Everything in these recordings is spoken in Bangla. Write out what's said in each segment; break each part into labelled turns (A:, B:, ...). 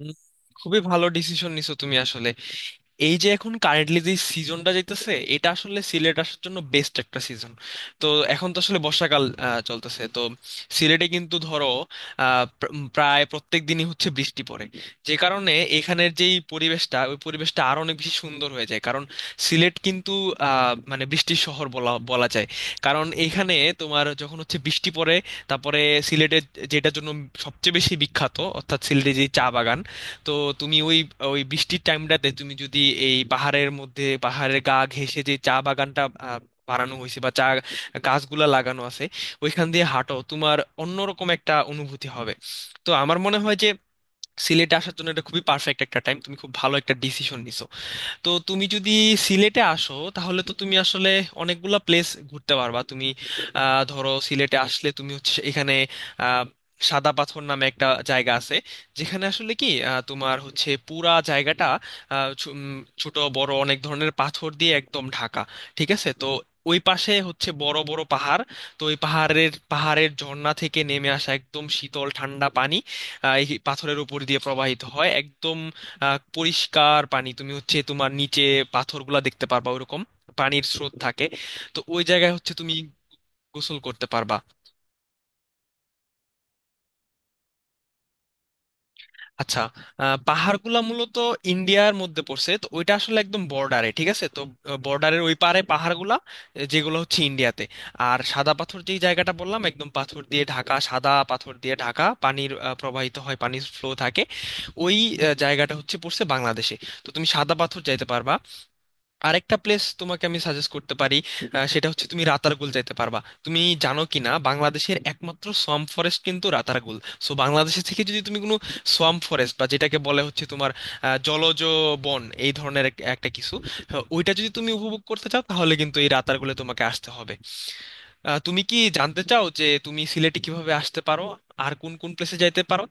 A: উম, খুবই ভালো ডিসিশন নিছো তুমি আসলে। এই যে এখন কারেন্টলি যে সিজনটা যাইতেছে এটা আসলে সিলেট আসার জন্য বেস্ট একটা সিজন। তো এখন তো আসলে বর্ষাকাল চলতেছে তো। সিলেটে কিন্তু ধরো প্রায় প্রত্যেক দিনই হচ্ছে বৃষ্টি পড়ে, যে কারণে এখানের যেই পরিবেশটা ওই পরিবেশটা আরো অনেক বেশি সুন্দর হয়ে যায়। কারণ সিলেট কিন্তু মানে বৃষ্টির শহর বলা বলা যায়। কারণ এখানে তোমার যখন হচ্ছে বৃষ্টি পড়ে, তারপরে সিলেটের যেটার জন্য সবচেয়ে বেশি বিখ্যাত অর্থাৎ সিলেটের যে চা বাগান, তো তুমি ওই ওই বৃষ্টির টাইমটাতে তুমি যদি এই পাহাড়ের মধ্যে পাহাড়ের গা ঘেঁষে যে চা বাগানটা আহ, বানানো হয়েছে বা চা গাছগুলা লাগানো আছে ওইখান দিয়ে হাঁটো, তোমার অন্যরকম একটা অনুভূতি হবে। তো আমার মনে হয় যে সিলেটে আসার জন্য এটা খুবই পারফেক্ট একটা টাইম, তুমি খুব ভালো একটা ডিসিশন নিছো। তো তুমি যদি সিলেটে আসো তাহলে তো তুমি আসলে অনেকগুলা প্লেস ঘুরতে পারবা তুমি। ধরো সিলেটে আসলে তুমি হচ্ছে এখানে আহ, সাদা পাথর নামে একটা জায়গা আছে, যেখানে আসলে কি তোমার হচ্ছে পুরা জায়গাটা ছোট বড় অনেক ধরনের পাথর দিয়ে একদম ঢাকা। ঠিক আছে, তো ওই পাশে হচ্ছে বড় বড় পাহাড়। তো ওই পাহাড়ের পাহাড়ের ঝর্ণা থেকে নেমে আসা একদম শীতল ঠান্ডা পানি এই পাথরের উপর দিয়ে প্রবাহিত হয়। একদম পরিষ্কার পানি, তুমি হচ্ছে তোমার নিচে পাথরগুলা দেখতে পারবা, ওরকম পানির স্রোত থাকে। তো ওই জায়গায় হচ্ছে তুমি গোসল করতে পারবা। আচ্ছা, পাহাড়গুলা মূলত ইন্ডিয়ার মধ্যে পড়ছে, তো ওইটা আসলে একদম বর্ডারে। ঠিক আছে, তো বর্ডারের ওই পারে পাহাড়গুলা যেগুলো হচ্ছে ইন্ডিয়াতে। আর সাদা পাথর যেই জায়গাটা বললাম একদম পাথর দিয়ে ঢাকা, সাদা পাথর দিয়ে ঢাকা, পানির প্রবাহিত হয়, পানির ফ্লো থাকে, ওই জায়গাটা হচ্ছে পড়ছে বাংলাদেশে। তো তুমি সাদা পাথর যাইতে পারবা। আরেকটা প্লেস তোমাকে আমি সাজেস্ট করতে পারি, সেটা হচ্ছে তুমি রাতারগুল যাইতে পারবা। তুমি জানো কি না বাংলাদেশের একমাত্র সোয়াম্প ফরেস্ট কিন্তু রাতারগুল। সো বাংলাদেশে থেকে যদি তুমি কোনো সোয়াম্প ফরেস্ট বা যেটাকে বলে হচ্ছে তোমার জলজ বন এই ধরনের একটা কিছু ওইটা যদি তুমি উপভোগ করতে চাও, তাহলে কিন্তু এই রাতারগুলে তোমাকে আসতে হবে। তুমি কি জানতে চাও যে তুমি সিলেটে কিভাবে আসতে পারো আর কোন কোন প্লেসে যাইতে পারো?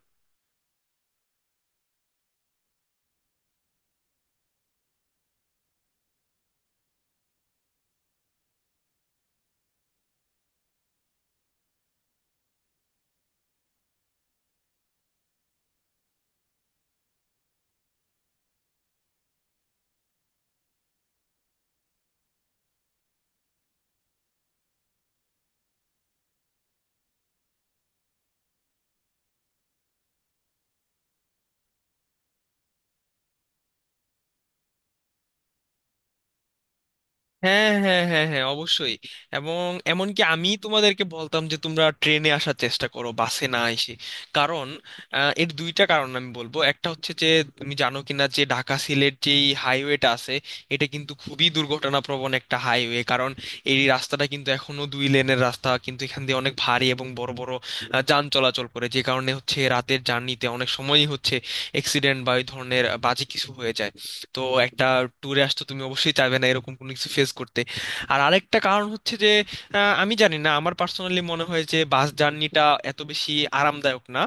A: হ্যাঁ হ্যাঁ হ্যাঁ হ্যাঁ, অবশ্যই। এবং এমনকি আমি তোমাদেরকে বলতাম যে তোমরা ট্রেনে আসার চেষ্টা করো, বাসে না এসে। কারণ এর দুইটা কারণ আমি বলবো, একটা হচ্ছে যে তুমি জানো কিনা যে ঢাকা সিলেট যেই হাইওয়েটা আছে, এটা কিন্তু খুবই দুর্ঘটনাপ্রবণ একটা হাইওয়ে। কারণ এই রাস্তাটা কিন্তু এখনো দুই লেনের রাস্তা, কিন্তু এখান দিয়ে অনেক ভারী এবং বড় বড় যান চলাচল করে, যে কারণে হচ্ছে রাতের জার্নিতে অনেক সময়ই হচ্ছে অ্যাক্সিডেন্ট বা এই ধরনের বাজে কিছু হয়ে যায়। তো একটা ট্যুরে আসতে তুমি অবশ্যই চাইবে না এরকম কোনো কিছু ফেস করতে। আর আরেকটা কারণ হচ্ছে যে আমি জানি না, আমার পার্সোনালি মনে হয় যে বাস জার্নিটা এত বেশি আরামদায়ক না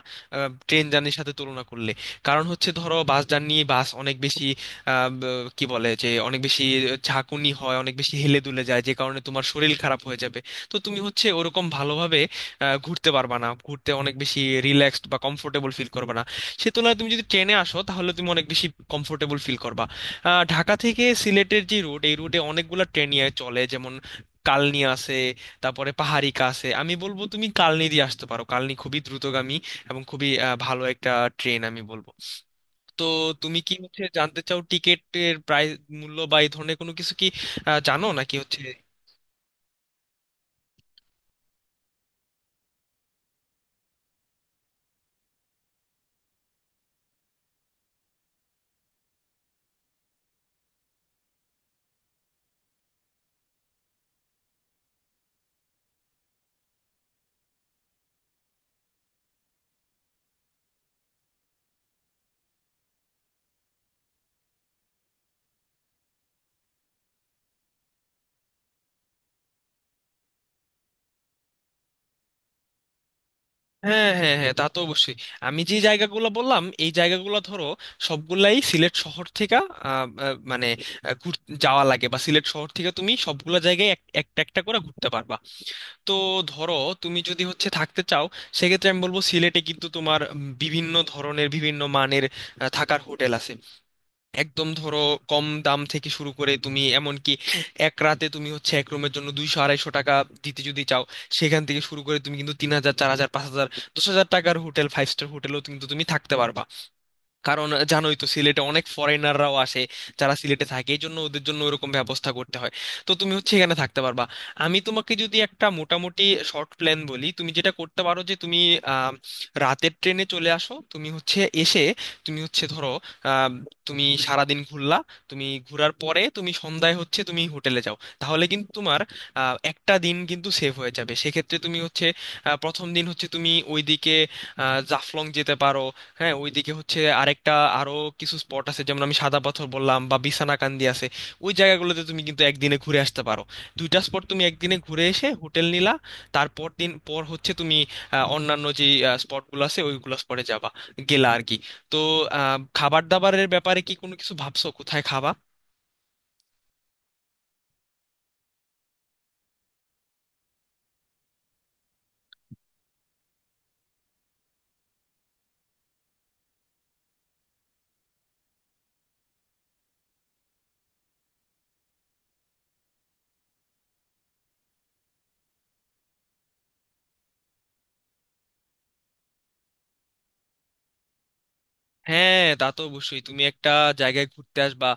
A: ট্রেন জার্নির সাথে তুলনা করলে। কারণ হচ্ছে ধরো বাস জার্নি, বাস অনেক বেশি কি বলে যে, অনেক বেশি ঝাঁকুনি হয়, অনেক বেশি হেলে দুলে যায়, যে কারণে তোমার শরীর খারাপ হয়ে যাবে। তো তুমি হচ্ছে ওরকম ভালোভাবে ঘুরতে পারবা না, ঘুরতে অনেক বেশি রিল্যাক্সড বা কমফোর্টেবল ফিল করবে না। সে তুলনায় তুমি যদি ট্রেনে আসো তাহলে তুমি অনেক বেশি কমফোর্টেবল ফিল করবা। ঢাকা থেকে সিলেটের যে রুট, এই রুটে অনেকগুলো ট্রেন চলে, যেমন কালনি আছে, তারপরে পাহাড়িকা আছে। আমি বলবো তুমি কালনি দিয়ে আসতে পারো, কালনি খুবই দ্রুতগামী এবং খুবই ভালো একটা ট্রেন আমি বলবো। তো তুমি কি হচ্ছে জানতে চাও টিকেটের প্রাইস, মূল্য বা এই ধরনের কোনো কিছু কি জানো নাকি হচ্ছে? হ্যাঁ হ্যাঁ হ্যাঁ, তা তো অবশ্যই। আমি যে জায়গাগুলো বললাম এই জায়গাগুলো ধরো সবগুলাই সিলেট শহর থেকে আহ, আহ, মানে যাওয়া লাগে, বা সিলেট শহর থেকে তুমি সবগুলা জায়গায় একটা একটা করে ঘুরতে পারবা। তো ধরো তুমি যদি হচ্ছে থাকতে চাও, সেক্ষেত্রে আমি বলবো সিলেটে কিন্তু তোমার বিভিন্ন ধরনের বিভিন্ন মানের থাকার হোটেল আছে। একদম ধরো কম দাম থেকে শুরু করে তুমি এমনকি এক রাতে তুমি হচ্ছে এক রুমের জন্য 200 250 টাকা দিতে যদি চাও, সেখান থেকে শুরু করে তুমি কিন্তু 3,000, 4,000, 5,000, 10,000 টাকার হোটেল, ফাইভ স্টার হোটেলও কিন্তু তুমি থাকতে পারবা। কারণ জানোই তো সিলেটে অনেক ফরেনাররাও আসে, যারা সিলেটে থাকে, এই জন্য ওদের জন্য ওরকম ব্যবস্থা করতে হয়। তো তুমি হচ্ছে এখানে থাকতে পারবা। আমি তোমাকে যদি একটা মোটামুটি শর্ট প্ল্যান বলি, তুমি যেটা করতে পারো যে তুমি আহ, রাতের ট্রেনে চলে আসো, তুমি হচ্ছে এসে তুমি হচ্ছে ধরো আহ, তুমি সারাদিন ঘুরলা, তুমি ঘোরার পরে তুমি সন্ধ্যায় হচ্ছে তুমি হোটেলে যাও, তাহলে কিন্তু তোমার একটা দিন কিন্তু সেভ হয়ে যাবে। সেক্ষেত্রে তুমি হচ্ছে প্রথম দিন হচ্ছে তুমি ওইদিকে জাফলং যেতে পারো। হ্যাঁ, ওইদিকে হচ্ছে আরেকটা আরো কিছু স্পট আছে, যেমন আমি সাদা পাথর বললাম বা বিছানাকান্দি আছে, ওই জায়গাগুলোতে তুমি কিন্তু একদিনে ঘুরে আসতে পারো। দুইটা স্পট তুমি একদিনে ঘুরে এসে হোটেল নিলা, তারপর দিন পর হচ্ছে তুমি অন্যান্য যে স্পটগুলো আছে ওইগুলো স্পটে যাবা, গেলা আর কি। তো খাবার দাবারের ব্যাপারে কি কোনো কিছু ভাবছো, কোথায় খাবা? হ্যাঁ তা তো অবশ্যই, তুমি একটা জায়গায় ঘুরতে আসবা,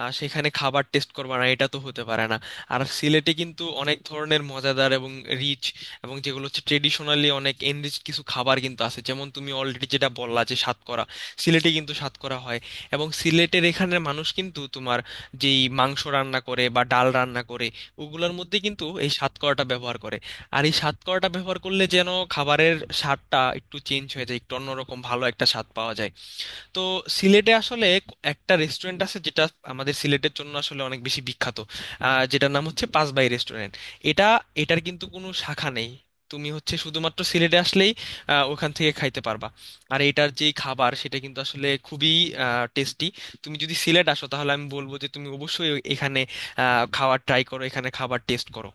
A: সেখানে খাবার টেস্ট করবা না, এটা তো হতে পারে না। আর সিলেটে কিন্তু অনেক ধরনের মজাদার এবং রিচ এবং যেগুলো হচ্ছে ট্রেডিশনালি অনেক এনরিচ কিছু খাবার কিন্তু আছে, যেমন তুমি অলরেডি যেটা বললা যে সাতকরা। সিলেটে কিন্তু সাতকরা হয় এবং সিলেটের এখানের মানুষ কিন্তু তোমার যেই মাংস রান্না করে বা ডাল রান্না করে ওগুলোর মধ্যে কিন্তু এই সাতকরাটা ব্যবহার করে। আর এই সাতকরাটা ব্যবহার করলে যেন খাবারের স্বাদটা একটু চেঞ্জ হয়ে যায়, একটু অন্যরকম ভালো একটা স্বাদ পাওয়া যায়। তো সিলেটে আসলে একটা রেস্টুরেন্ট আছে যেটা আমাদের সিলেটের জন্য আসলে অনেক বেশি বিখ্যাত, যেটার নাম হচ্ছে পাঁচবাই রেস্টুরেন্ট। এটা, এটার কিন্তু কোনো শাখা নেই, তুমি হচ্ছে শুধুমাত্র সিলেটে আসলেই ওখান থেকে খাইতে পারবা। আর এটার যে খাবার সেটা কিন্তু আসলে খুবই টেস্টি। তুমি যদি সিলেট আসো তাহলে আমি বলবো যে তুমি অবশ্যই এখানে খাওয়ার ট্রাই করো, এখানে খাবার টেস্ট করো।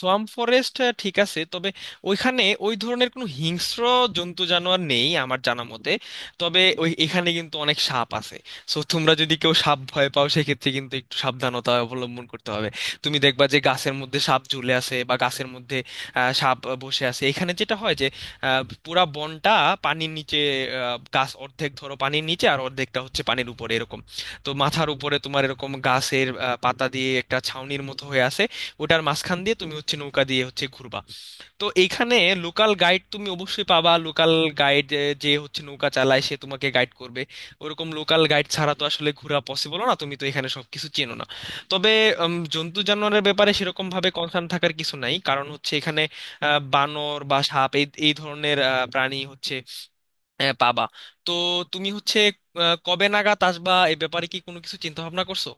A: সোয়াম্প ফরেস্ট, ঠিক আছে। তবে ওইখানে ওই ধরনের কোনো হিংস্র জন্তু জানোয়ার নেই আমার জানা মতে। তবে ওই এখানে কিন্তু অনেক সাপ আছে। সো তোমরা যদি কেউ সাপ ভয় পাও সেক্ষেত্রে কিন্তু একটু সাবধানতা অবলম্বন করতে হবে। তুমি দেখবা যে গাছের মধ্যে সাপ ঝুলে আছে বা গাছের মধ্যে সাপ বসে আছে। এখানে যেটা হয় যে পুরা বনটা পানির নিচে, গাছ অর্ধেক ধরো পানির নিচে আর অর্ধেকটা হচ্ছে পানির উপরে, এরকম। তো মাথার উপরে তোমার এরকম গাছের পাতা দিয়ে একটা ছাউনির মতো হয়ে আছে, ওটার মাঝখান দিয়ে তুমি হচ্ছে নৌকা দিয়ে হচ্ছে ঘুরবা। তো এইখানে লোকাল গাইড তুমি অবশ্যই পাবা, লোকাল গাইড যে হচ্ছে নৌকা চালায় সে তোমাকে গাইড করবে। ওরকম লোকাল গাইড ছাড়া তো আসলে ঘোরা পসিবল না, তুমি তো এখানে সবকিছু চেনো না। তবে জন্তু জানোয়ারের ব্যাপারে সেরকম ভাবে কনসার্ন থাকার কিছু নাই, কারণ হচ্ছে এখানে বানর বা সাপ এই এই ধরনের প্রাণী হচ্ছে পাবা। তো তুমি হচ্ছে কবে নাগাদ আসবা এই ব্যাপারে কি কোনো কিছু চিন্তা ভাবনা করছো?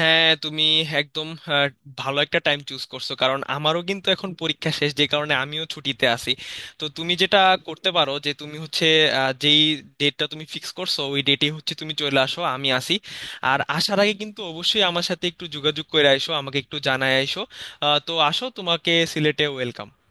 A: হ্যাঁ, তুমি একদম ভালো একটা টাইম চুজ করছো, কারণ আমারও কিন্তু এখন পরীক্ষা শেষ, যে কারণে আমিও ছুটিতে আছি। তো তুমি যেটা করতে পারো যে তুমি হচ্ছে যেই ডেটটা তুমি ফিক্স করছো ওই ডেটে হচ্ছে তুমি চলে আসো, আমি আসি। আর আসার আগে কিন্তু অবশ্যই আমার সাথে একটু যোগাযোগ করে আইসো, আমাকে একটু জানায় আইসো। তো আসো, তোমাকে সিলেটে ওয়েলকাম।